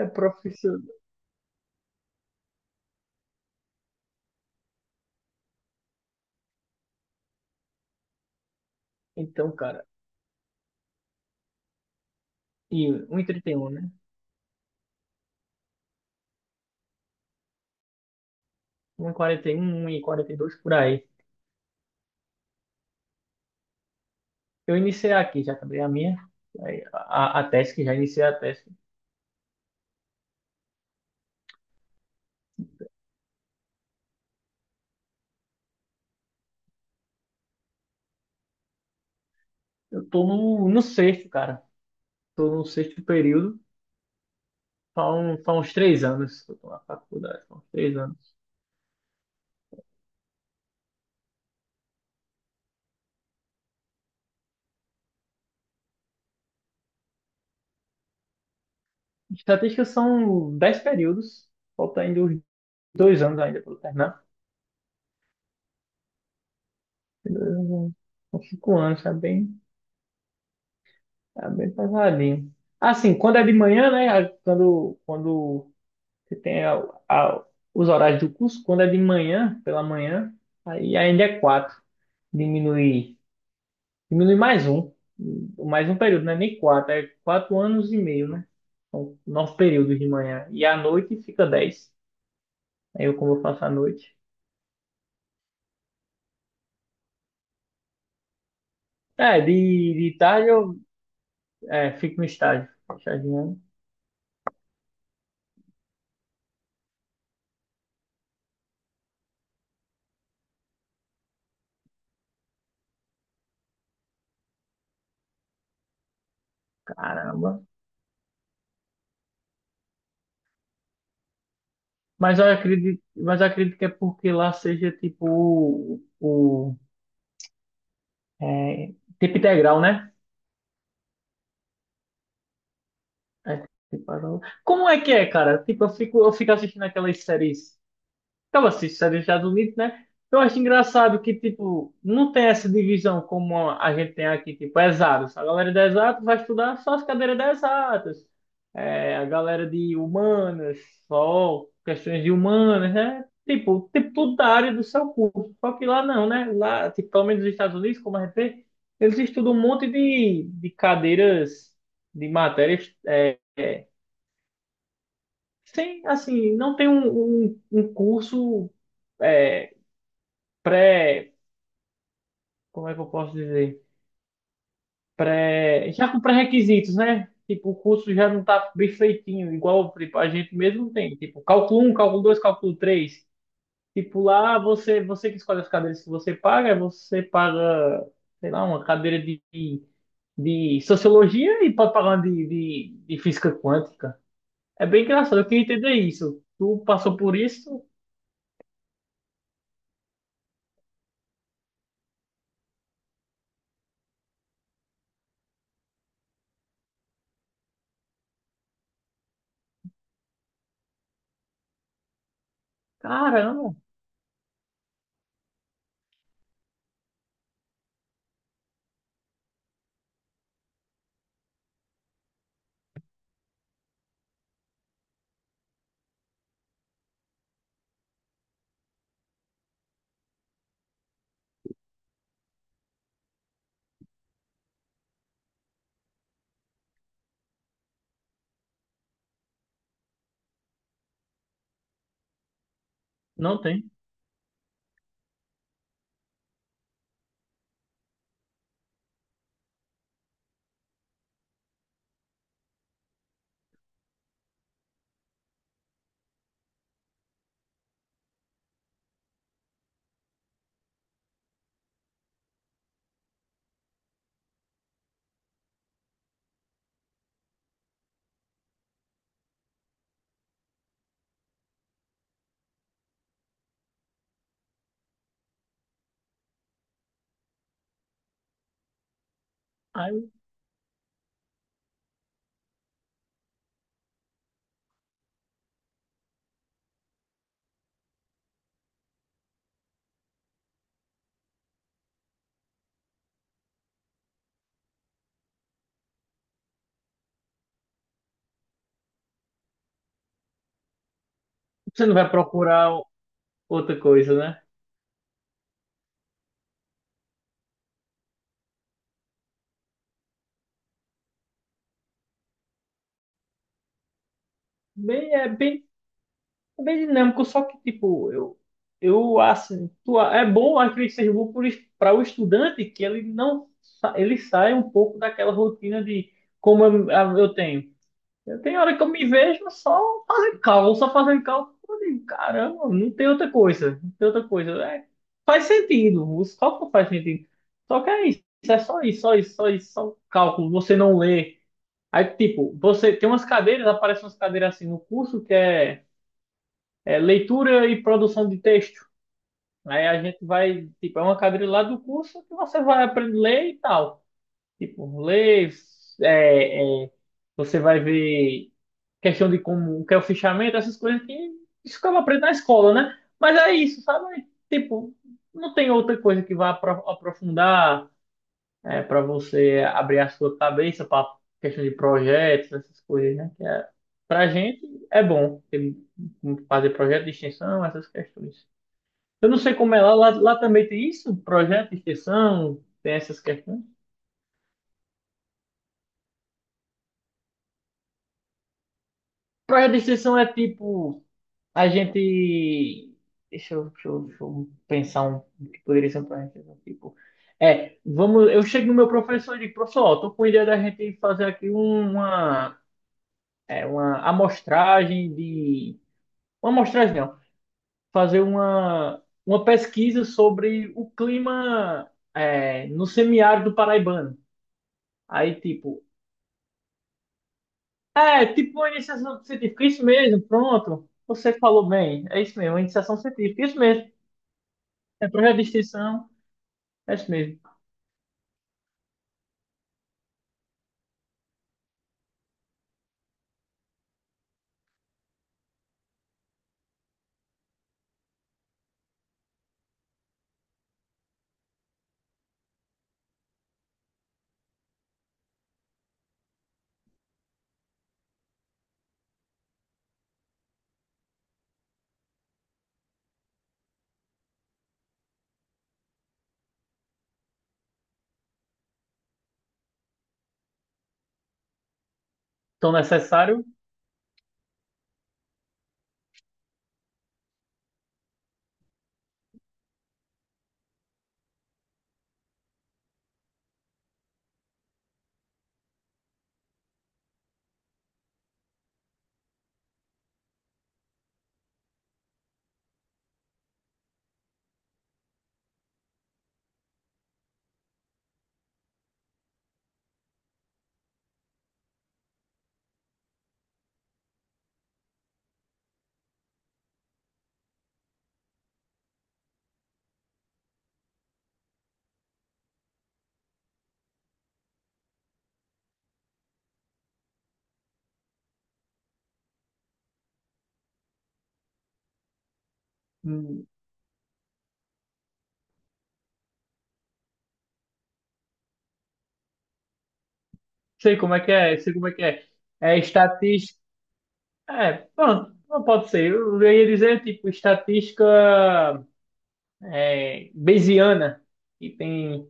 É profissional. Então, cara, e um e trinta e um, né? Um e quarenta e um um e quarenta e dois por aí. Eu iniciei aqui, já acabei a minha. A tese, que já iniciei a tese. Eu tô no sexto, cara. Tô no sexto período. Faz uns três anos que eu tô na faculdade. Faz uns três anos. Estatísticas são dez períodos. Falta ainda uns dois anos ainda pra eu terminar. Tem dois anos, são cinco anos, tá bem pesadinho. Assim, quando é de manhã, né? Quando você tem a- os horários do curso, quando é de manhã, pela manhã, aí ainda é quatro. Diminui, diminui mais um. Mais um período, não é nem quatro, é quatro anos e meio, né? São nove períodos de manhã. E à noite fica dez. Aí eu, como eu faço à noite. De tarde eu fico no estágio. Estagiando. Caramba. Mas eu acredito que é porque lá seja tipo é, tempo integral, né? É, tipo, agora- como é que é, cara? Tipo, eu fico assistindo aquelas séries. Eu assisto séries dos Estados Unidos, né? Eu acho engraçado que, tipo, não tem essa divisão como a gente tem aqui, tipo, é exatos. A galera de exatos vai estudar só as cadeiras de exatas. É, a galera de humanas, só questões de humanas, né? Tipo, tudo da área do seu curso. Só que lá não, né? Lá, tipo, pelo menos nos Estados Unidos, como a gente vê, eles estudam um monte de cadeiras, de matérias sim, assim, não tem um curso é, pré, como é que eu posso dizer? Pré, já com pré-requisitos, né? Tipo, o curso já não tá bem feitinho, igual tipo, a gente mesmo tem. Tipo, cálculo um cálculo 2 cálculo três. Tipo, lá você que escolhe as cadeiras que você paga, sei lá, uma cadeira de sociologia e pode pagar uma de física quântica. É bem engraçado, eu queria entender isso. Tu passou por isso? Caramba. Não tem. Aí você não vai procurar outra coisa, né? Bem, é bem, é bem dinâmico, só que, tipo, eu assim, tu- é bom, acredito que seja bom para o estudante que ele não sa- ele sai um pouco daquela rotina de como eu, a- eu tenho. Eu tenho hora que eu me vejo só fazendo cálculo, só fazendo cálculo. Eu digo, caramba, não tem outra coisa, não tem outra coisa. Faz sentido, os cálculos fazem sentido. Só que é isso, é só isso, só cálculo. Você não lê. Aí, tipo, você tem umas cadeiras, aparecem umas cadeiras assim no curso que é leitura e produção de texto. Aí a gente vai, tipo, é uma cadeira lá do curso que você vai aprender a ler e tal. Tipo, ler, é, é, você vai ver questão de como o que é o fichamento, essas coisas que isso acaba aprendendo na escola, né? Mas é isso, sabe? Tipo, não tem outra coisa que vá aprofundar é, para você abrir a sua cabeça para questão de projetos, essas coisas, né? Que é, para a gente é bom fazer projeto de extensão, essas questões. Eu não sei como é lá, lá também tem isso, projeto de extensão, tem essas questões. Projeto de extensão é tipo, a gente. Deixa eu pensar um o que poderia ser um projeto de extensão. Tipo, é, vamos, eu chego no meu professor e digo, professor, ó, tô com a ideia da gente fazer aqui uma uma amostragem de. Uma amostragem não, fazer uma pesquisa sobre o clima é, no semiárido paraibano. Aí, tipo, é, tipo uma iniciação científica, isso mesmo, pronto. Você falou bem, é isso mesmo, uma iniciação científica, isso mesmo. É projeto de extensão, é isso mesmo. Tão necessário, hum, sei como é que é, sei como é que é. É estatística, é, pronto, não pode ser. Eu ia dizer, tipo, estatística é, Bayesiana, que tem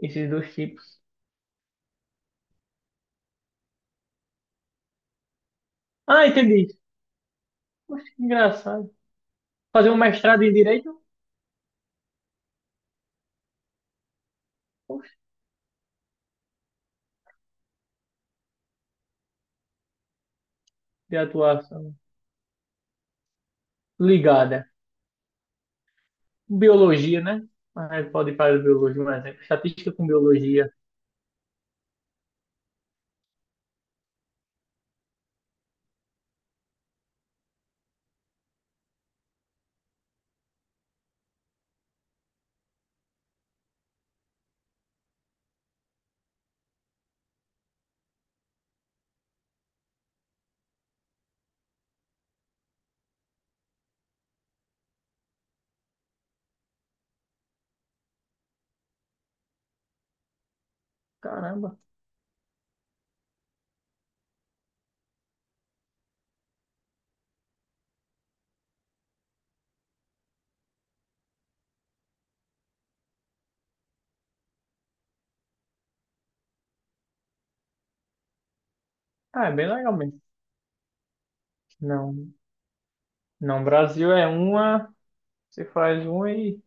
esses dois tipos. Ah, entendi. Poxa, que engraçado. Fazer um mestrado em direito? Poxa, de atuação ligada. Biologia, né? Ah, pode fazer biologia, mas é estatística com biologia. Caramba. Ah, é bem legal mesmo. Não, não, Brasil é uma, você faz uma e,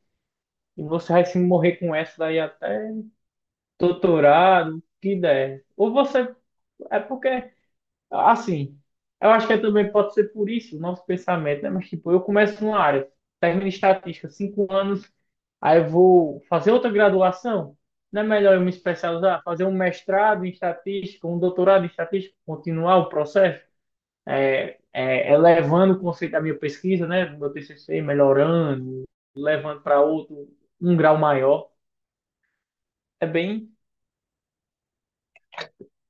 e você vai se morrer com essa daí até doutorado, o que der. Ou você, é porque assim, eu acho que é também pode ser por isso o nosso pensamento, né? Mas, tipo, eu começo numa área, termino em estatística, cinco anos, aí eu vou fazer outra graduação. Não é melhor eu me especializar, fazer um mestrado em estatística, um doutorado em estatística, continuar o processo, elevando o conceito da minha pesquisa, né? Do meu TCC, melhorando, levando para outro, um grau maior. É bem,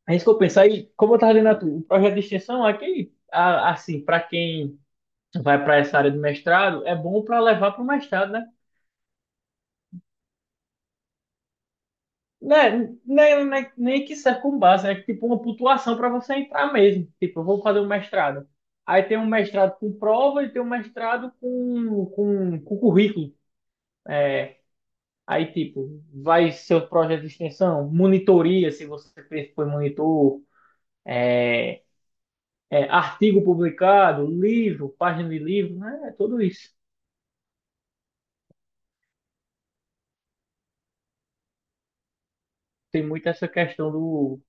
é isso que eu penso. Aí, como eu estava dizendo, a tu, o projeto de extensão aqui, assim, para quem vai para essa área do mestrado, é bom para levar para o mestrado, né? Nem que serve com base, é tipo uma pontuação para você entrar mesmo. Tipo, eu vou fazer um mestrado. Aí tem um mestrado com prova e tem um mestrado com currículo. Aí, tipo, vai seu projeto de extensão, monitoria, se você fez, foi monitor, é, artigo publicado, livro, página de livro, né? É tudo isso. Tem muito essa questão do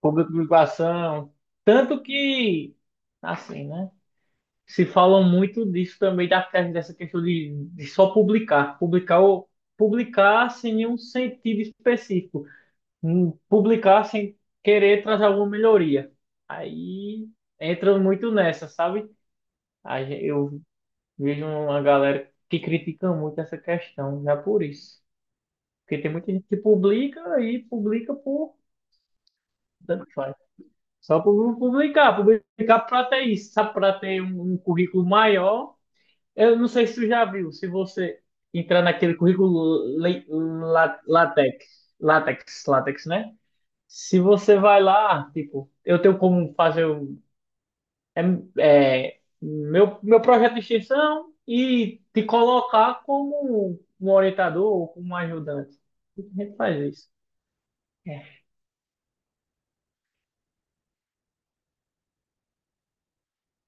público-publicação. Tanto que, assim, né? Se falam muito disso também, dessa questão de só publicar. Publicar, publicar sem nenhum sentido específico. Publicar sem querer trazer alguma melhoria. Aí entra muito nessa, sabe? Eu vejo uma galera que critica muito essa questão, já por isso. Porque tem muita gente que publica e publica por. Tanto faz. Só por publicar, publicar para ter isso, sabe? Para ter um currículo maior. Eu não sei se tu já viu, se você entrar naquele currículo LaTeX, LaTeX, né? Se você vai lá, tipo, eu tenho como fazer um, meu projeto de extensão e te colocar como um orientador ou como um ajudante. A gente faz isso.